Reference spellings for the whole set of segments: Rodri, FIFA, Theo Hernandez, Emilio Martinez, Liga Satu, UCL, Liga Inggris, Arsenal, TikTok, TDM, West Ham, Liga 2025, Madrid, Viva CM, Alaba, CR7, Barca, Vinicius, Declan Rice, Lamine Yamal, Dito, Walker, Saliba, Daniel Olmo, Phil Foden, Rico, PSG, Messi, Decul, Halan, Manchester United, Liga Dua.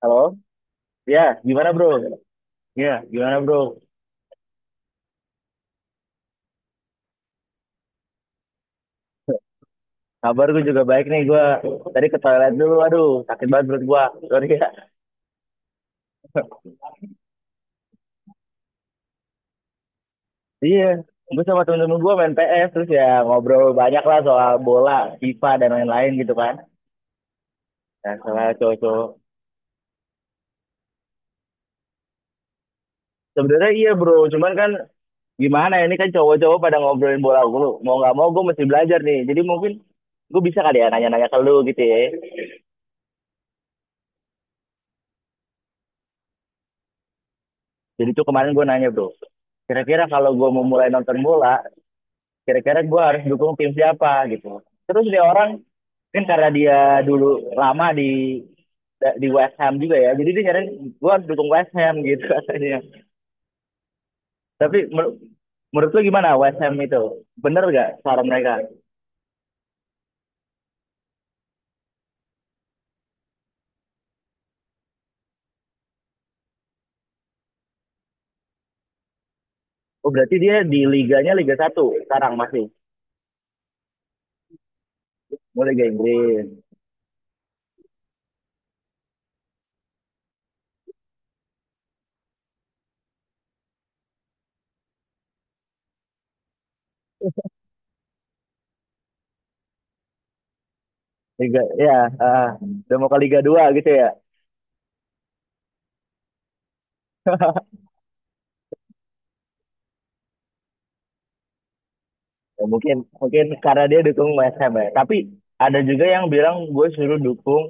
Halo? Ya, gimana bro? Ya, gimana bro? Kabar gue juga baik nih gue. Tadi ke toilet dulu, aduh sakit banget perut gue. Sorry ya. Iya, gue sama temen-temen gue main PS, terus ya ngobrol banyak lah soal bola, FIFA, dan lain-lain gitu kan. Nah, soal cowok-cowok. Sebenarnya iya bro, cuman kan gimana ya, ini kan cowok-cowok pada ngobrolin bola gue. Mau nggak mau gue mesti belajar nih, jadi mungkin gue bisa kali ya nanya-nanya ke lu gitu ya. Jadi tuh kemarin gue nanya bro, kira-kira kalau gue mau mulai nonton bola, kira-kira gue harus dukung tim siapa gitu terus dia orang mungkin karena dia dulu lama di West Ham juga ya jadi dia nyariin gue harus dukung West Ham gitu katanya. Tapi menurut lu gimana, West Ham itu bener gak saran mereka? Oh, berarti dia di liganya Liga 1 sekarang masih mau Liga Inggris. Liga ya, udah mau ke Liga 2 gitu ya? Ya, mungkin mungkin karena dia dukung West Ham ya. Tapi ada juga yang bilang gue suruh dukung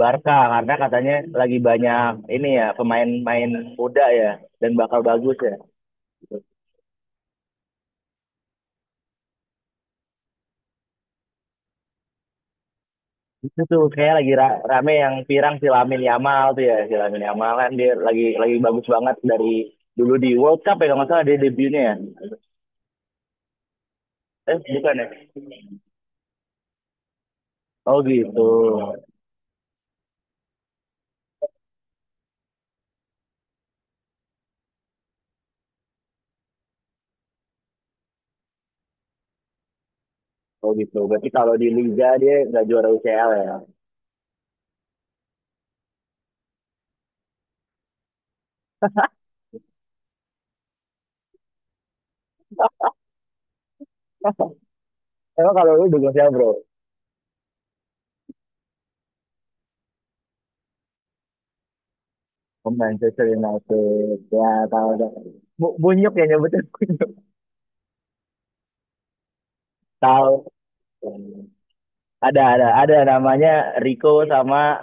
Barca karena katanya lagi banyak ini ya pemain-pemain muda ya dan bakal bagus ya. Itu tuh kayak lagi rame yang pirang si Lamine Yamal tuh ya. Si Lamine Yamal kan dia lagi bagus banget dari dulu di World Cup ya kalau nggak salah dia debutnya ya. Eh, bukan ya? Oh gitu. Oh gitu. Berarti kalau di Liga dia nggak juara UCL ya. Emang kalau lu dukung siapa bro? Oh, Manchester United. Ya, tahu tahu. Bunyok ya nyebutnya Bunyok. Tahu. Ada namanya Rico sama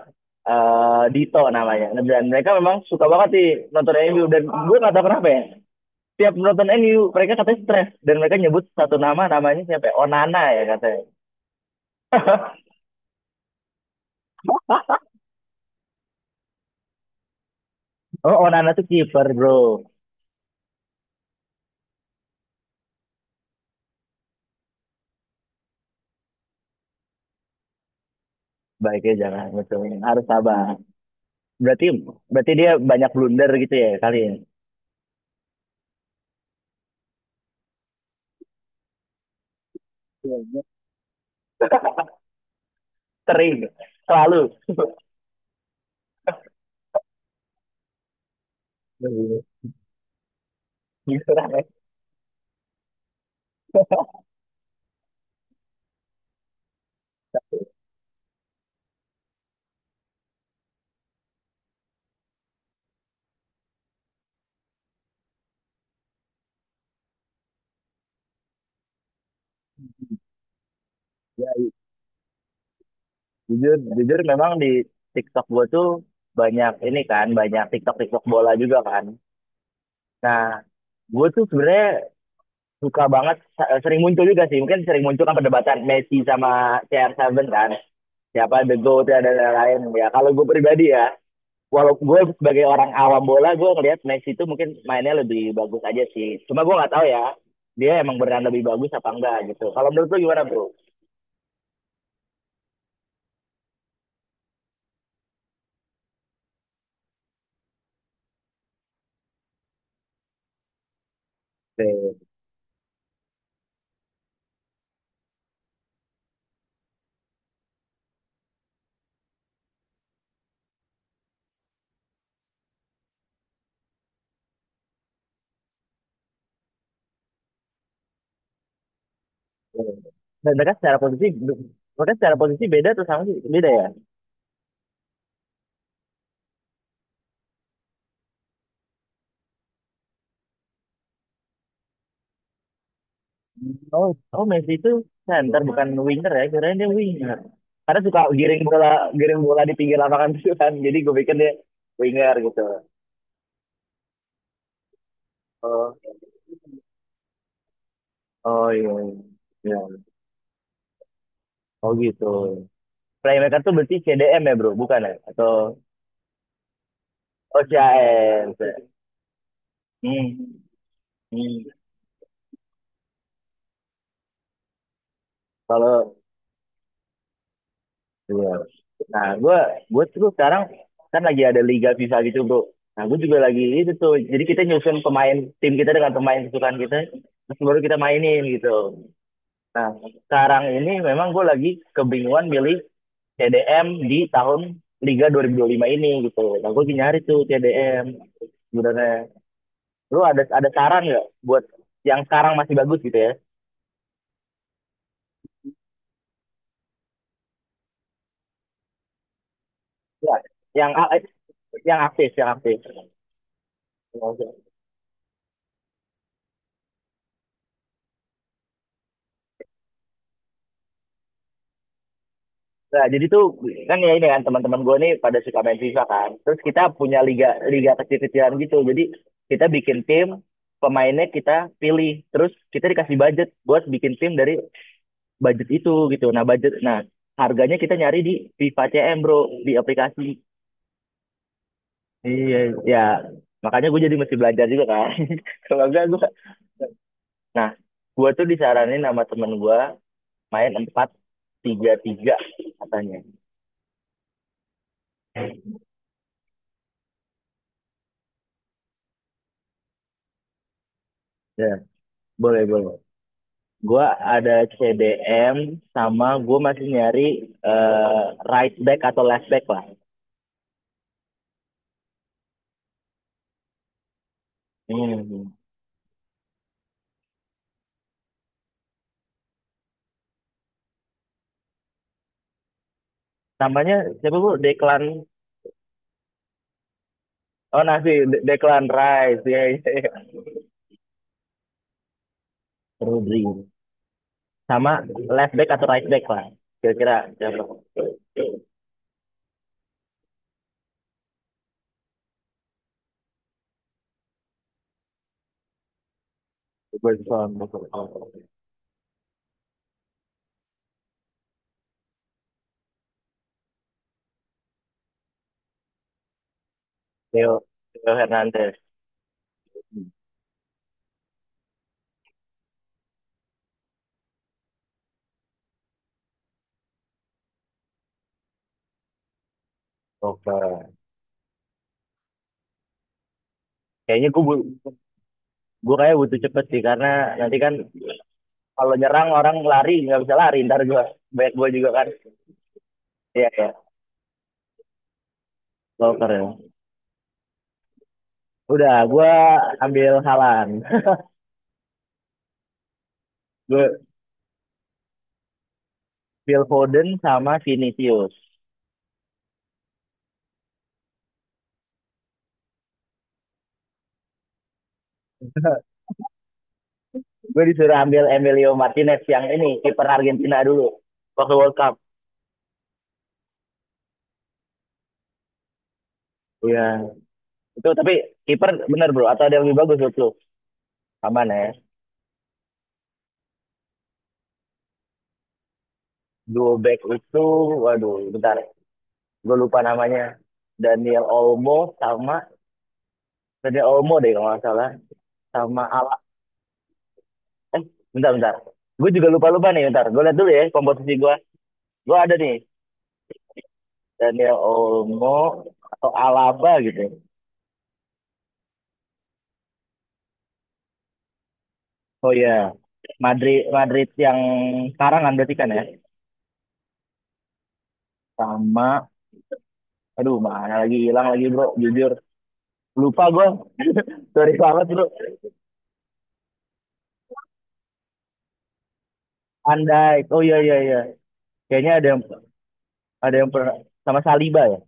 eh, Dito namanya. Dan mereka memang suka banget sih nonton MU dan gue nggak tahu kenapa ya. Tiap nonton MU mereka katanya stres dan mereka nyebut satu nama namanya siapa ya? Onana ya katanya. Oh, Onana tuh kiper bro. Baiknya jangan ngecengin. Harus sabar. Berarti berarti dia banyak blunder gitu ya kali ya. Sering, selalu. Gitu lah ya. Jujur, memang di TikTok gue tuh banyak ini kan, banyak TikTok-TikTok bola juga kan. Nah, gue tuh sebenarnya suka banget, sering muncul juga sih. Mungkin sering muncul kan perdebatan Messi sama CR7 kan. Siapa The GOAT dan lain-lain. Ya, kalau gue pribadi ya, walaupun gue sebagai orang awam bola, gue ngelihat Messi tuh mungkin mainnya lebih bagus aja sih. Cuma gue nggak tahu ya, dia emang beneran lebih bagus apa enggak gitu. Kalau menurut lu gimana bro? Oke. Dan mereka secara posisi beda tuh sama sih, beda ya? Oh, oh, Messi itu center bukan winger ya, kirain dia winger. Karena suka giring bola di pinggir lapangan itu kan. Jadi gue pikir dia winger gitu. Oh, oh, iya. Iya. Oh gitu. Playmaker tuh berarti CDM ya bro, bukan ya? Atau oh CAM. Hmm. Hmm. Kalau iya. Nah, gue tuh sekarang kan lagi ada liga FIFA gitu bro. Nah, gue juga lagi itu tuh. Jadi kita nyusun pemain tim kita dengan pemain kesukaan kita. Terus baru kita mainin gitu. Nah, sekarang ini memang gue lagi kebingungan milih TDM di tahun Liga 2025 ini gitu. Nah, gue lagi nyari tuh TDM sebenarnya. Lu ada saran nggak buat yang sekarang masih bagus gitu ya? Ya, yang eh, yang aktif, yang aktif. Nah, jadi tuh kan ya ini kan teman-teman gue nih pada suka main FIFA kan. Terus kita punya liga liga kecil-kecilan gitu. Jadi kita bikin tim, pemainnya kita pilih, terus kita dikasih budget buat bikin tim dari budget itu gitu. Nah, budget nah harganya kita nyari di Viva CM, Bro, di aplikasi. Iya, ya. Makanya gue jadi mesti belajar juga kan. Kalau enggak nah, gue tuh disaranin sama temen gue main 4-3-3 katanya. Ya, boleh, boleh. Gue ada CDM sama gue masih nyari eh, right back atau left back lah. Hmm. Namanya siapa bu? Declan. Oh, nasi. Declan Rice. Iya, iya, iya. Rodri. Sama left back atau right back lah kira-kira siapa? Berson, Berson. Theo Theo Hernandez. Oke. Kayaknya gue kayak butuh cepet sih karena nanti kan kalau nyerang orang lari nggak bisa lari ntar gue banyak gue juga kan. Iya ya. Walker ya, udah gue ambil Halan. Gue Phil Foden sama Vinicius. Gue disuruh ambil Emilio Martinez yang ini kiper Argentina dulu waktu World Cup. Iya. Itu tapi kiper bener bro atau ada yang lebih bagus menurut? Aman ya. Duo back itu, waduh, bentar, gue lupa namanya. Daniel Olmo sama Daniel Olmo deh kalau nggak salah, sama Ala. Eh, bentar, bentar. Gue juga lupa-lupa nih, bentar. Gue lihat dulu ya komposisi gue. Gue ada nih Daniel Olmo atau Alaba gitu. Oh iya, Madrid Madrid yang sekarang kan berarti kan ya, sama aduh mana lagi hilang lagi bro, jujur lupa gue. Sorry banget bro. Andai. Oh iya iya iya. Kayaknya ada yang pernah sama Saliba ya.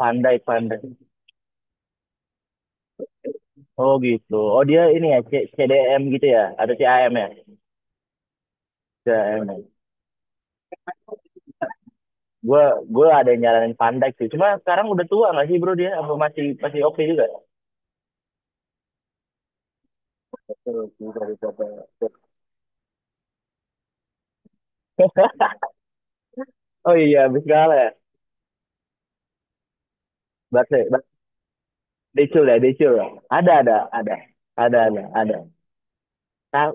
Pandai, pandai. Oh gitu. Oh dia ini ya, CDM gitu ya, atau CAM ya? CAM. Gue gue ada yang nyaranin pandai sih. Cuma sekarang udah tua nggak sih bro dia? Apa masih masih oke juga? Terus bisa dicoba. Oh iya, habis kalah ya. Bate, Bate- Decul ya, Decul. Ya. Ada, ada. Ada, ada. Ta-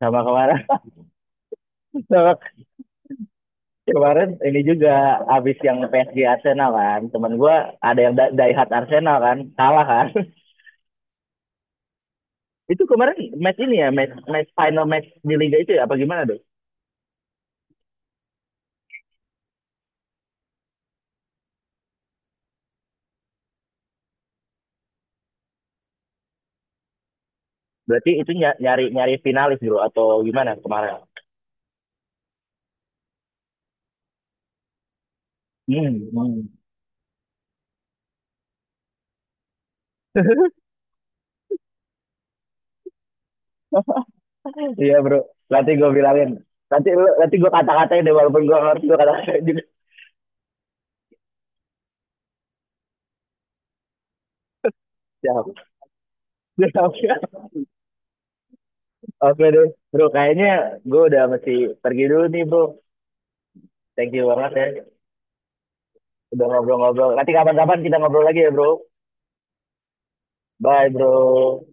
Sama kemarin, sama kemarin ini juga habis yang PSG Arsenal kan. Temen gue ada yang Daihat Arsenal kan, kalah kan. Itu kemarin match ini ya, match final match di liga itu ya apa gimana deh? Berarti itu nyari nyari finalis bro atau gimana kemarin? Hmm, hmm. Iya bro, nanti gue bilangin. Nanti nanti gue kata-katain deh walaupun gue ngerti gue kata-katain juga. Siap. Siap. Siap. Oke deh, bro. Kayaknya gue udah mesti pergi dulu nih bro. Thank you banget ya udah ngobrol-ngobrol. Nanti kapan-kapan kita ngobrol lagi ya bro. Bye bro.